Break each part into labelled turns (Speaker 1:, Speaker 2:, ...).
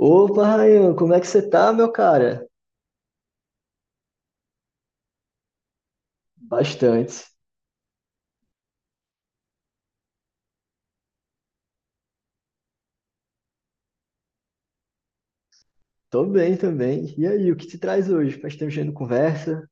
Speaker 1: Opa, Rayan, como é que você tá, meu cara? Bastante. Tô bem também. E aí, o que te traz hoje? Faz tempo que a gente não conversa.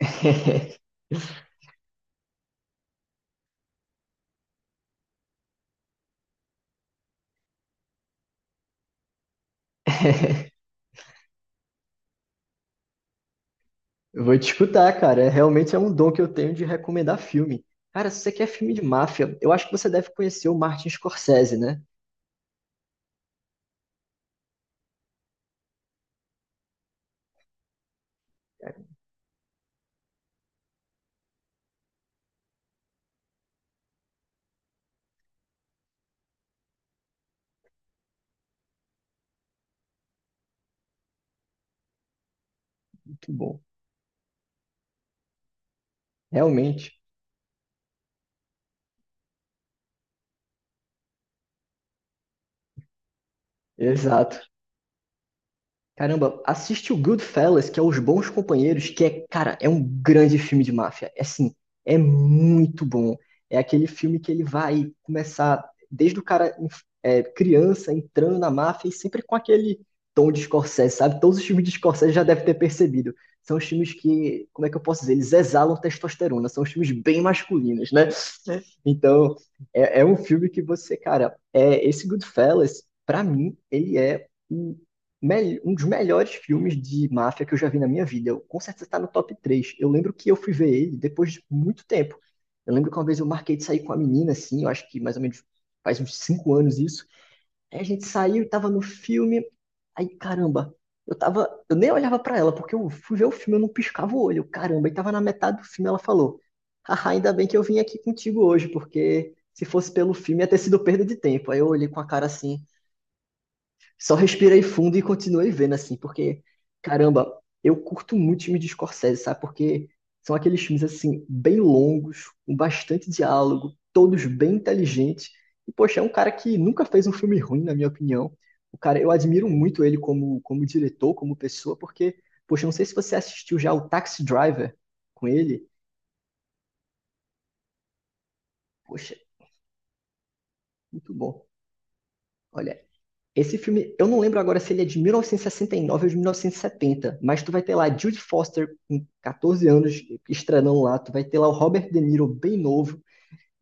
Speaker 1: Eu vou te escutar, cara. É, realmente é um dom que eu tenho de recomendar filme. Cara, se você quer filme de máfia, eu acho que você deve conhecer o Martin Scorsese, né? Muito bom. Realmente. Exato. Caramba, assiste o Goodfellas, que é Os Bons Companheiros, que é, cara, é um grande filme de máfia. É assim, é muito bom. É aquele filme que ele vai começar desde o cara criança entrando na máfia e sempre com aquele tom de Scorsese, sabe? Todos os filmes de Scorsese já deve ter percebido. São os filmes que, como é que eu posso dizer? Eles exalam testosterona, são os filmes bem masculinos, né? Então, é um filme que você, cara, esse Goodfellas, pra mim, ele é um dos melhores filmes de máfia que eu já vi na minha vida. Eu, com certeza está no top 3. Eu lembro que eu fui ver ele depois de muito tempo. Eu lembro que uma vez eu marquei de sair com a menina, assim, eu acho que mais ou menos faz uns 5 anos isso. Aí a gente saiu, tava no filme. Aí, caramba, eu tava. Eu nem olhava pra ela, porque eu fui ver o filme, eu não piscava o olho. Caramba, e tava na metade do filme, ela falou. Haha, ainda bem que eu vim aqui contigo hoje, porque se fosse pelo filme ia ter sido perda de tempo. Aí eu olhei com a cara assim, só respirei fundo e continuei vendo, assim, porque, caramba, eu curto muito filme de Scorsese, sabe? Porque são aqueles filmes, assim, bem longos, com bastante diálogo, todos bem inteligentes. E, poxa, é um cara que nunca fez um filme ruim, na minha opinião. O cara, eu admiro muito ele como, como diretor, como pessoa, porque, poxa, eu não sei se você assistiu já o Taxi Driver com ele. Poxa, muito bom. Olha, esse filme, eu não lembro agora se ele é de 1969 ou de 1970, mas tu vai ter lá Jude Foster com 14 anos estranão lá, tu vai ter lá o Robert De Niro bem novo.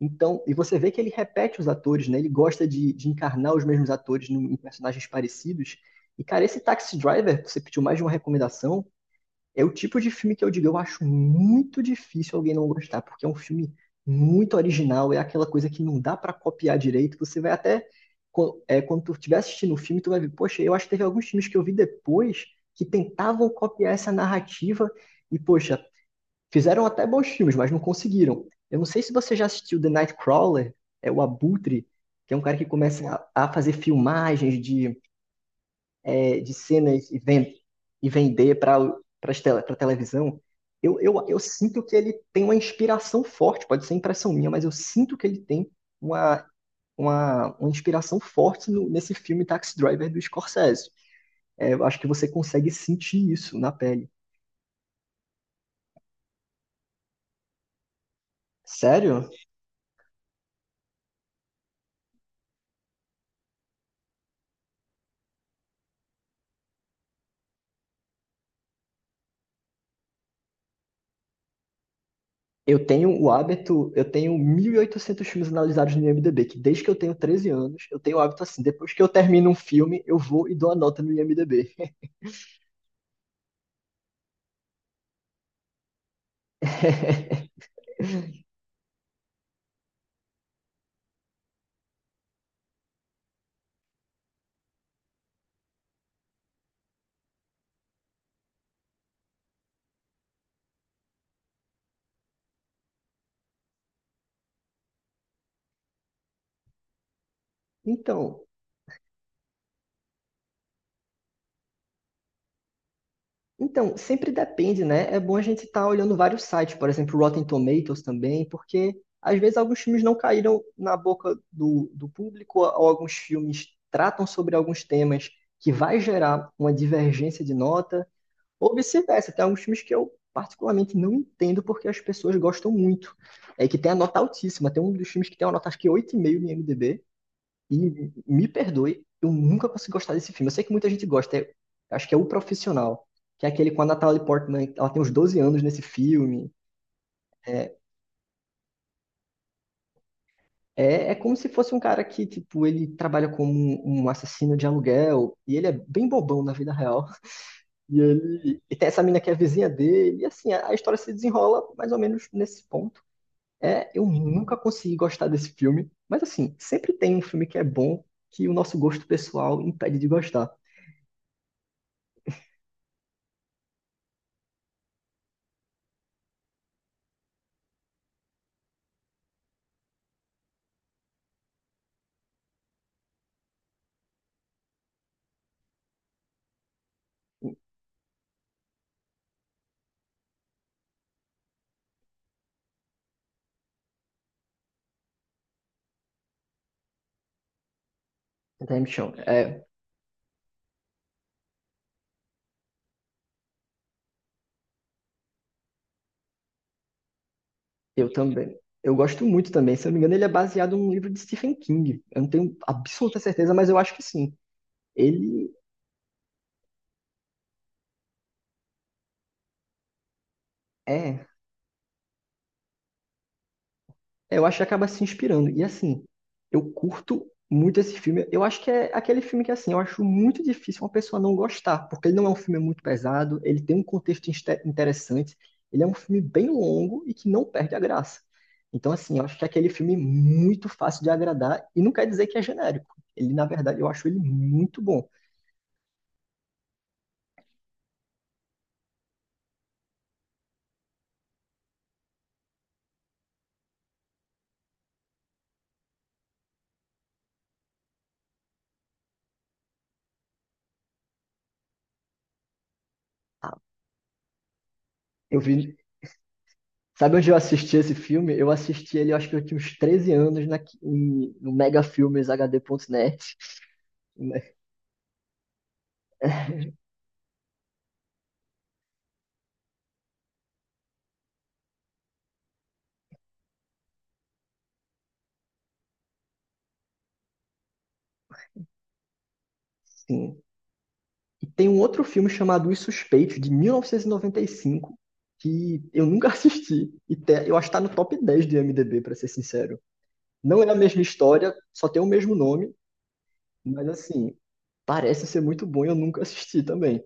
Speaker 1: Então, e você vê que ele repete os atores, né? Ele gosta de encarnar os mesmos atores em personagens parecidos. E, cara, esse Taxi Driver, você pediu mais de uma recomendação, é o tipo de filme que eu digo, eu acho muito difícil alguém não gostar, porque é um filme muito original, é aquela coisa que não dá pra copiar direito. Você vai até, quando tu estiver assistindo o filme, tu vai ver, poxa, eu acho que teve alguns filmes que eu vi depois que tentavam copiar essa narrativa e, poxa, fizeram até bons filmes, mas não conseguiram. Eu não sei se você já assistiu The Nightcrawler, é o Abutre, que é um cara que começa a fazer filmagens de é, de cenas e, e vender para televisão, eu sinto que ele tem uma inspiração forte, pode ser impressão minha, mas eu sinto que ele tem uma, uma inspiração forte nesse filme Taxi Driver do Scorsese. É, eu acho que você consegue sentir isso na pele. Sério? Eu tenho o hábito, eu tenho 1.800 filmes analisados no IMDb, que desde que eu tenho 13 anos, eu tenho o hábito assim, depois que eu termino um filme, eu vou e dou a nota no IMDb. Então, Então, sempre depende, né? É bom a gente estar olhando vários sites, por exemplo, Rotten Tomatoes também, porque às vezes alguns filmes não caíram na boca do público, ou alguns filmes tratam sobre alguns temas que vai gerar uma divergência de nota, ou vice-versa. Tem alguns filmes que eu particularmente não entendo porque as pessoas gostam muito. É que tem a nota altíssima. Tem um dos filmes que tem uma nota acho que 8,5 no IMDb, e me perdoe, eu nunca consegui gostar desse filme. Eu sei que muita gente gosta, acho que é O Profissional, que é aquele com a Natalie Portman, ela tem uns 12 anos nesse filme. É, é como se fosse um cara que, tipo, ele trabalha como um assassino de aluguel, e ele é bem bobão na vida real. E ele tem essa mina que é a vizinha dele, e assim, a história se desenrola mais ou menos nesse ponto. É, eu nunca consegui gostar desse filme, mas assim, sempre tem um filme que é bom que o nosso gosto pessoal impede de gostar. Redemption. É, eu também. Eu gosto muito também. Se eu não me engano, ele é baseado num livro de Stephen King. Eu não tenho absoluta certeza, mas eu acho que sim. Ele é. Eu acho que acaba se inspirando. E assim, eu curto muito esse filme. Eu acho que é aquele filme que, assim, eu acho muito difícil uma pessoa não gostar, porque ele não é um filme muito pesado, ele tem um contexto interessante, ele é um filme bem longo e que não perde a graça. Então, assim, eu acho que é aquele filme muito fácil de agradar, e não quer dizer que é genérico. Ele, na verdade, eu acho ele muito bom. Eu vi. Sabe onde eu assisti esse filme? Eu assisti ele, eu acho que eu tinha uns 13 anos no megafilmeshd.net. Né? Sim. E tem um outro filme chamado Os Suspeitos, de 1995, que eu nunca assisti. Eu acho que tá no top 10 do IMDb, pra ser sincero. Não é a mesma história, só tem o mesmo nome, mas assim, parece ser muito bom e eu nunca assisti também.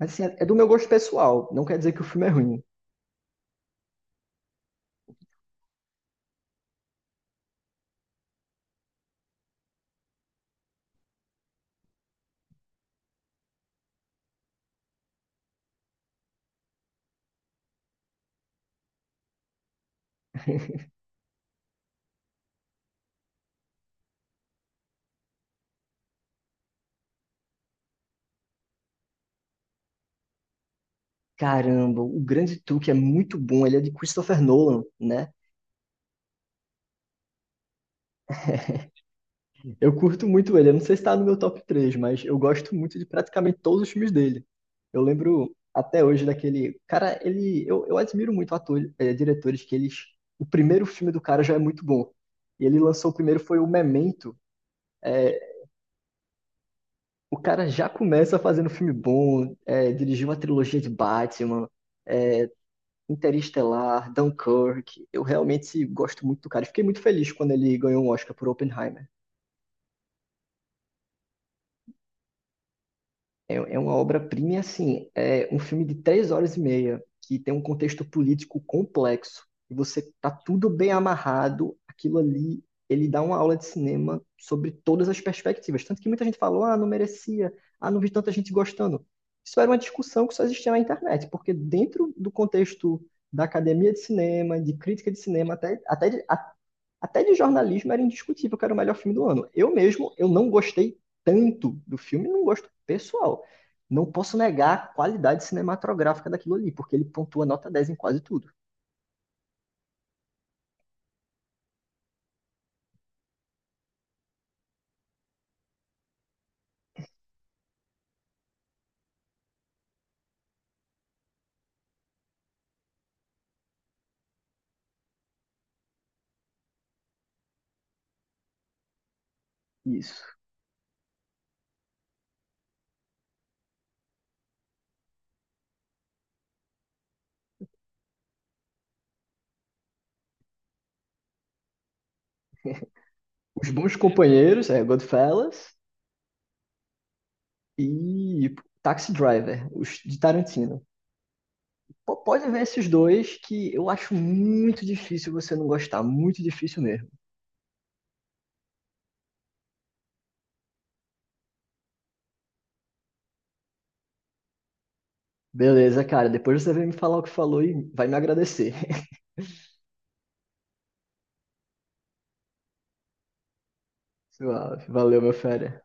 Speaker 1: Mas assim, é é do meu gosto pessoal, não quer dizer que o filme é ruim. Caramba, o Grande Truque é muito bom, ele é de Christopher Nolan, né? Eu curto muito ele, eu não sei se tá no meu top 3, mas eu gosto muito de praticamente todos os filmes dele. Eu lembro até hoje daquele. Cara, ele. Eu admiro muito atores, diretores que eles. O primeiro filme do cara já é muito bom. E ele lançou o primeiro foi o Memento. Eh, o cara já começa fazendo filme bom, dirigiu uma trilogia de Batman, Interestelar, Dunkirk. Eu realmente gosto muito do cara. E fiquei muito feliz quando ele ganhou um Oscar por Oppenheimer. É, é uma obra-prima, e, assim, é um filme de 3 horas e meia, que tem um contexto político complexo, e você tá tudo bem amarrado, aquilo ali, ele dá uma aula de cinema sobre todas as perspectivas. Tanto que muita gente falou, ah, não merecia, ah, não vi tanta gente gostando. Isso era uma discussão que só existia na internet, porque dentro do contexto da academia de cinema, de crítica de cinema, até de jornalismo era indiscutível que era o melhor filme do ano. Eu mesmo, eu não gostei tanto do filme, não gosto pessoal. Não posso negar a qualidade cinematográfica daquilo ali, porque ele pontua nota 10 em quase tudo. Isso. Os Bons Companheiros, é Goodfellas e Taxi Driver, os de Tarantino. Pô, pode ver esses dois que eu acho muito difícil você não gostar, muito difícil mesmo. Beleza, cara, depois você vem me falar o que falou e vai me agradecer. Suave. Valeu, meu fera.